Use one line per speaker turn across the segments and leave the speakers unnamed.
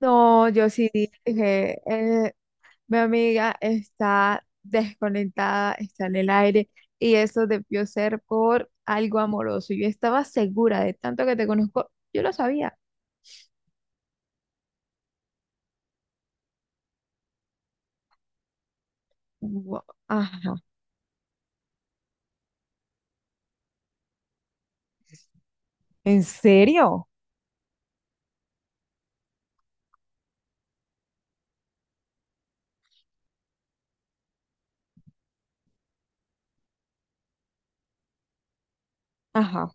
No, yo sí dije, mi amiga está desconectada, está en el aire y eso debió ser por algo amoroso. Yo estaba segura, de tanto que te conozco, yo lo sabía. Ajá, no, ajá.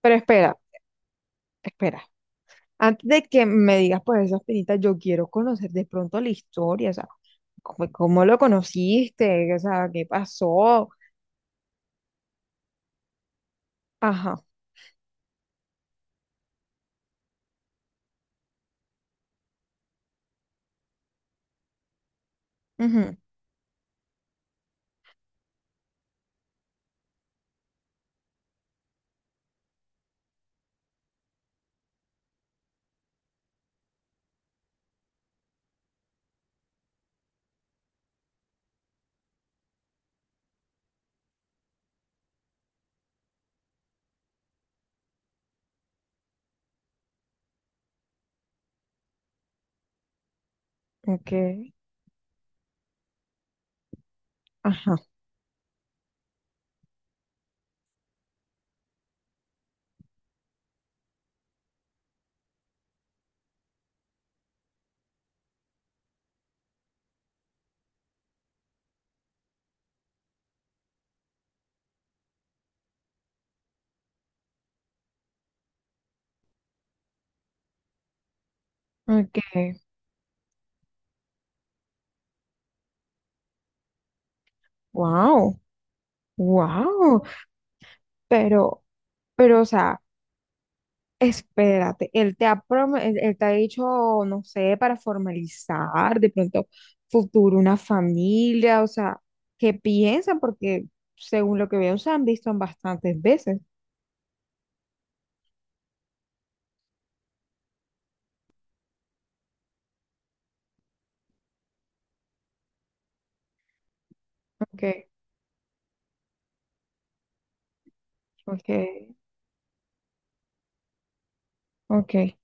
Pero espera, espera. Antes de que me digas pues esas pinitas, yo quiero conocer de pronto la historia, o sea, cómo lo conociste, o sea, qué pasó. Ajá. Ujú. Ok. Ajá. Ok. Wow. Wow, pero, pero, o sea, espérate, él te ha dicho, no sé, para formalizar de pronto futuro, una familia, o sea, ¿qué piensa? Porque según lo que veo, se han visto bastantes veces. Ok, ok, ok.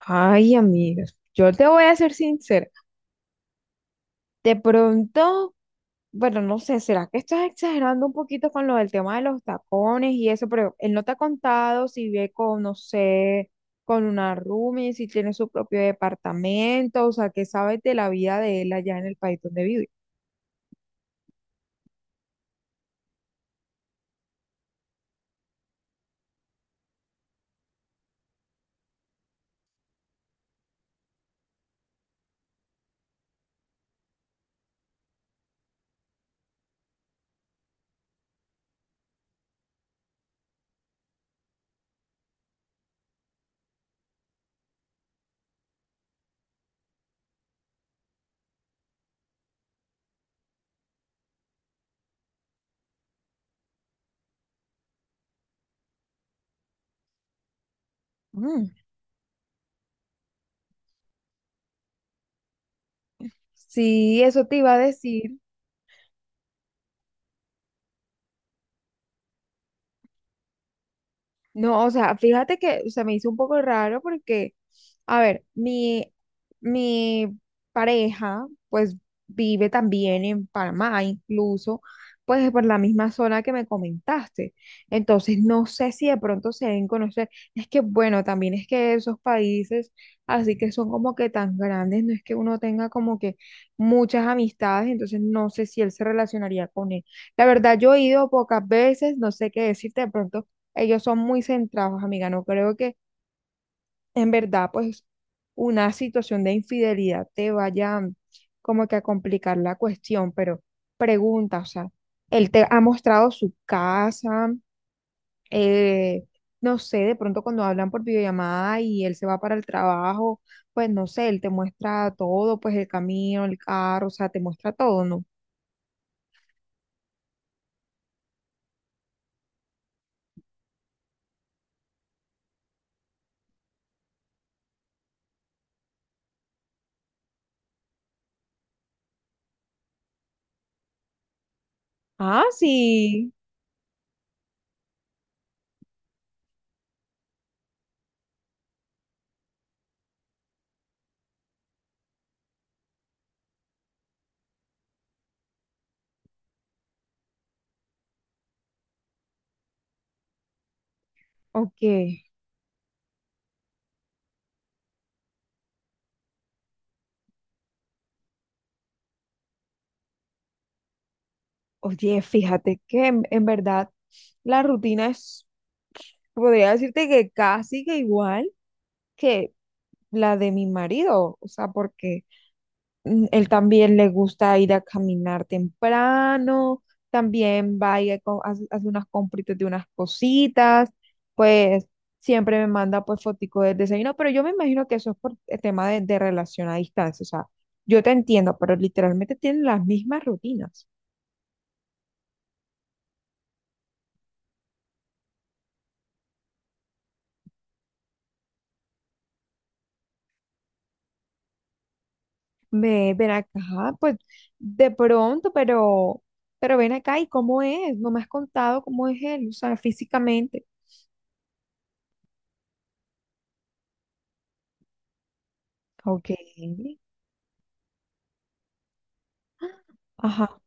Ay, amigos, yo te voy a ser sincera. De pronto, bueno, no sé, ¿será que estás exagerando un poquito con lo del tema de los tacones y eso? Pero él no te ha contado si vive con, no sé, con una roomie, si tiene su propio departamento, o sea, ¿qué sabes de la vida de él allá en el país donde vive? Mm. Sí, eso te iba a decir. No, o sea, fíjate que se me hizo un poco raro porque, a ver, mi pareja, pues vive también en Panamá, incluso pues por la misma zona que me comentaste. Entonces, no sé si de pronto se deben conocer. Es que, bueno, también es que esos países, así que son como que tan grandes, no es que uno tenga como que muchas amistades, entonces no sé si él se relacionaría con él. La verdad, yo he ido pocas veces, no sé qué decirte, de pronto. Ellos son muy centrados, amiga. No creo que en verdad, pues, una situación de infidelidad te vaya, como que a complicar la cuestión, pero pregunta, o sea, él te ha mostrado su casa, eh, no sé, de pronto cuando hablan por videollamada y él se va para el trabajo, pues no sé, él te muestra todo, pues el camino, el carro, o sea, te muestra todo, ¿no? Ah, sí. Ok. Oye, fíjate que en verdad la rutina es, podría decirte que casi que igual que la de mi marido, o sea, porque él también le gusta ir a caminar temprano, también va y hace, hace unas compritas de unas cositas, pues siempre me manda pues fotico del desayuno, pero yo me imagino que eso es por el tema de relación a distancia, o sea, yo te entiendo, pero literalmente tienen las mismas rutinas. Ve, ven acá, pues de pronto, pero ven acá, y cómo es, no me has contado cómo es él, o sea, físicamente. Ok. Ajá.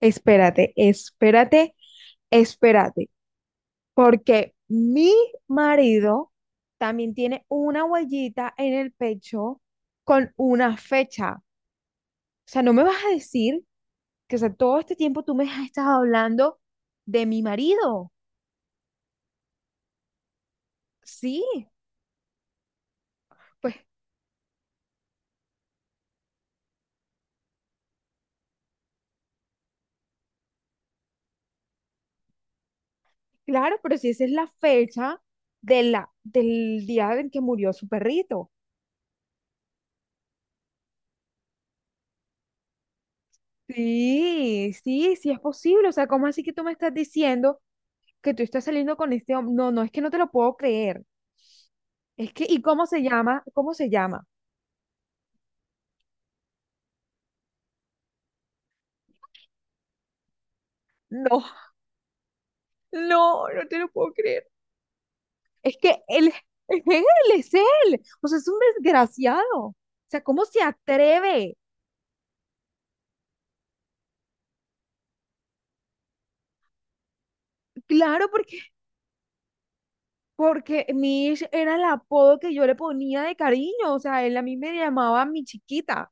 Espérate, espérate, espérate, porque mi marido también tiene una huellita en el pecho con una fecha. O sea, no me vas a decir que, o sea, todo este tiempo tú me has estado hablando de mi marido. Sí, pues claro, pero si esa es la fecha de del día en que murió su perrito. Sí, sí, sí es posible. O sea, ¿cómo así que tú me estás diciendo que tú estás saliendo con este hombre? No, no, es que no te lo puedo creer. Es que, ¿y cómo se llama? ¿Cómo se llama? No, no, no te lo puedo creer. Es que él, es él, es él. O sea, es un desgraciado. O sea, ¿cómo se atreve? Claro, porque porque Mish era el apodo que yo le ponía de cariño, o sea, él a mí me llamaba mi chiquita.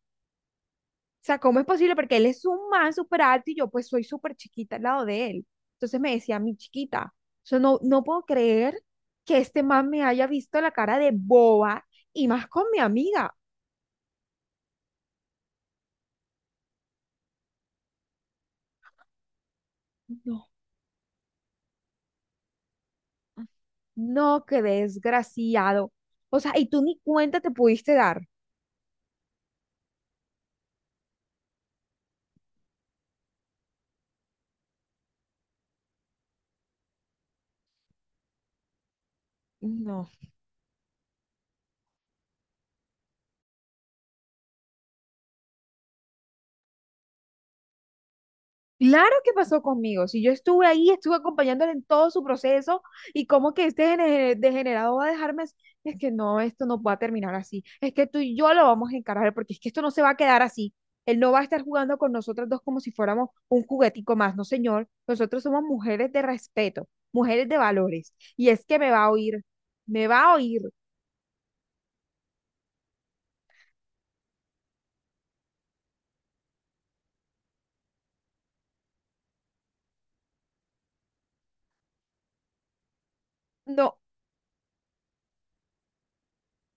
O sea, ¿cómo es posible? Porque él es un man súper alto y yo pues soy súper chiquita al lado de él. Entonces me decía mi chiquita. Yo no, no puedo creer que este man me haya visto la cara de boba y más con mi amiga. No, no, qué desgraciado. O sea, y tú ni cuenta te pudiste dar. No, claro que pasó conmigo. Si yo estuve ahí, estuve acompañándole en todo su proceso, y como que este degenerado va a dejarme, es que no, esto no va a terminar así. Es que tú y yo lo vamos a encarar porque es que esto no se va a quedar así. Él no va a estar jugando con nosotras dos como si fuéramos un juguetico más, no señor. Nosotros somos mujeres de respeto, mujeres de valores. Y es que me va a oír, me va a oír. No,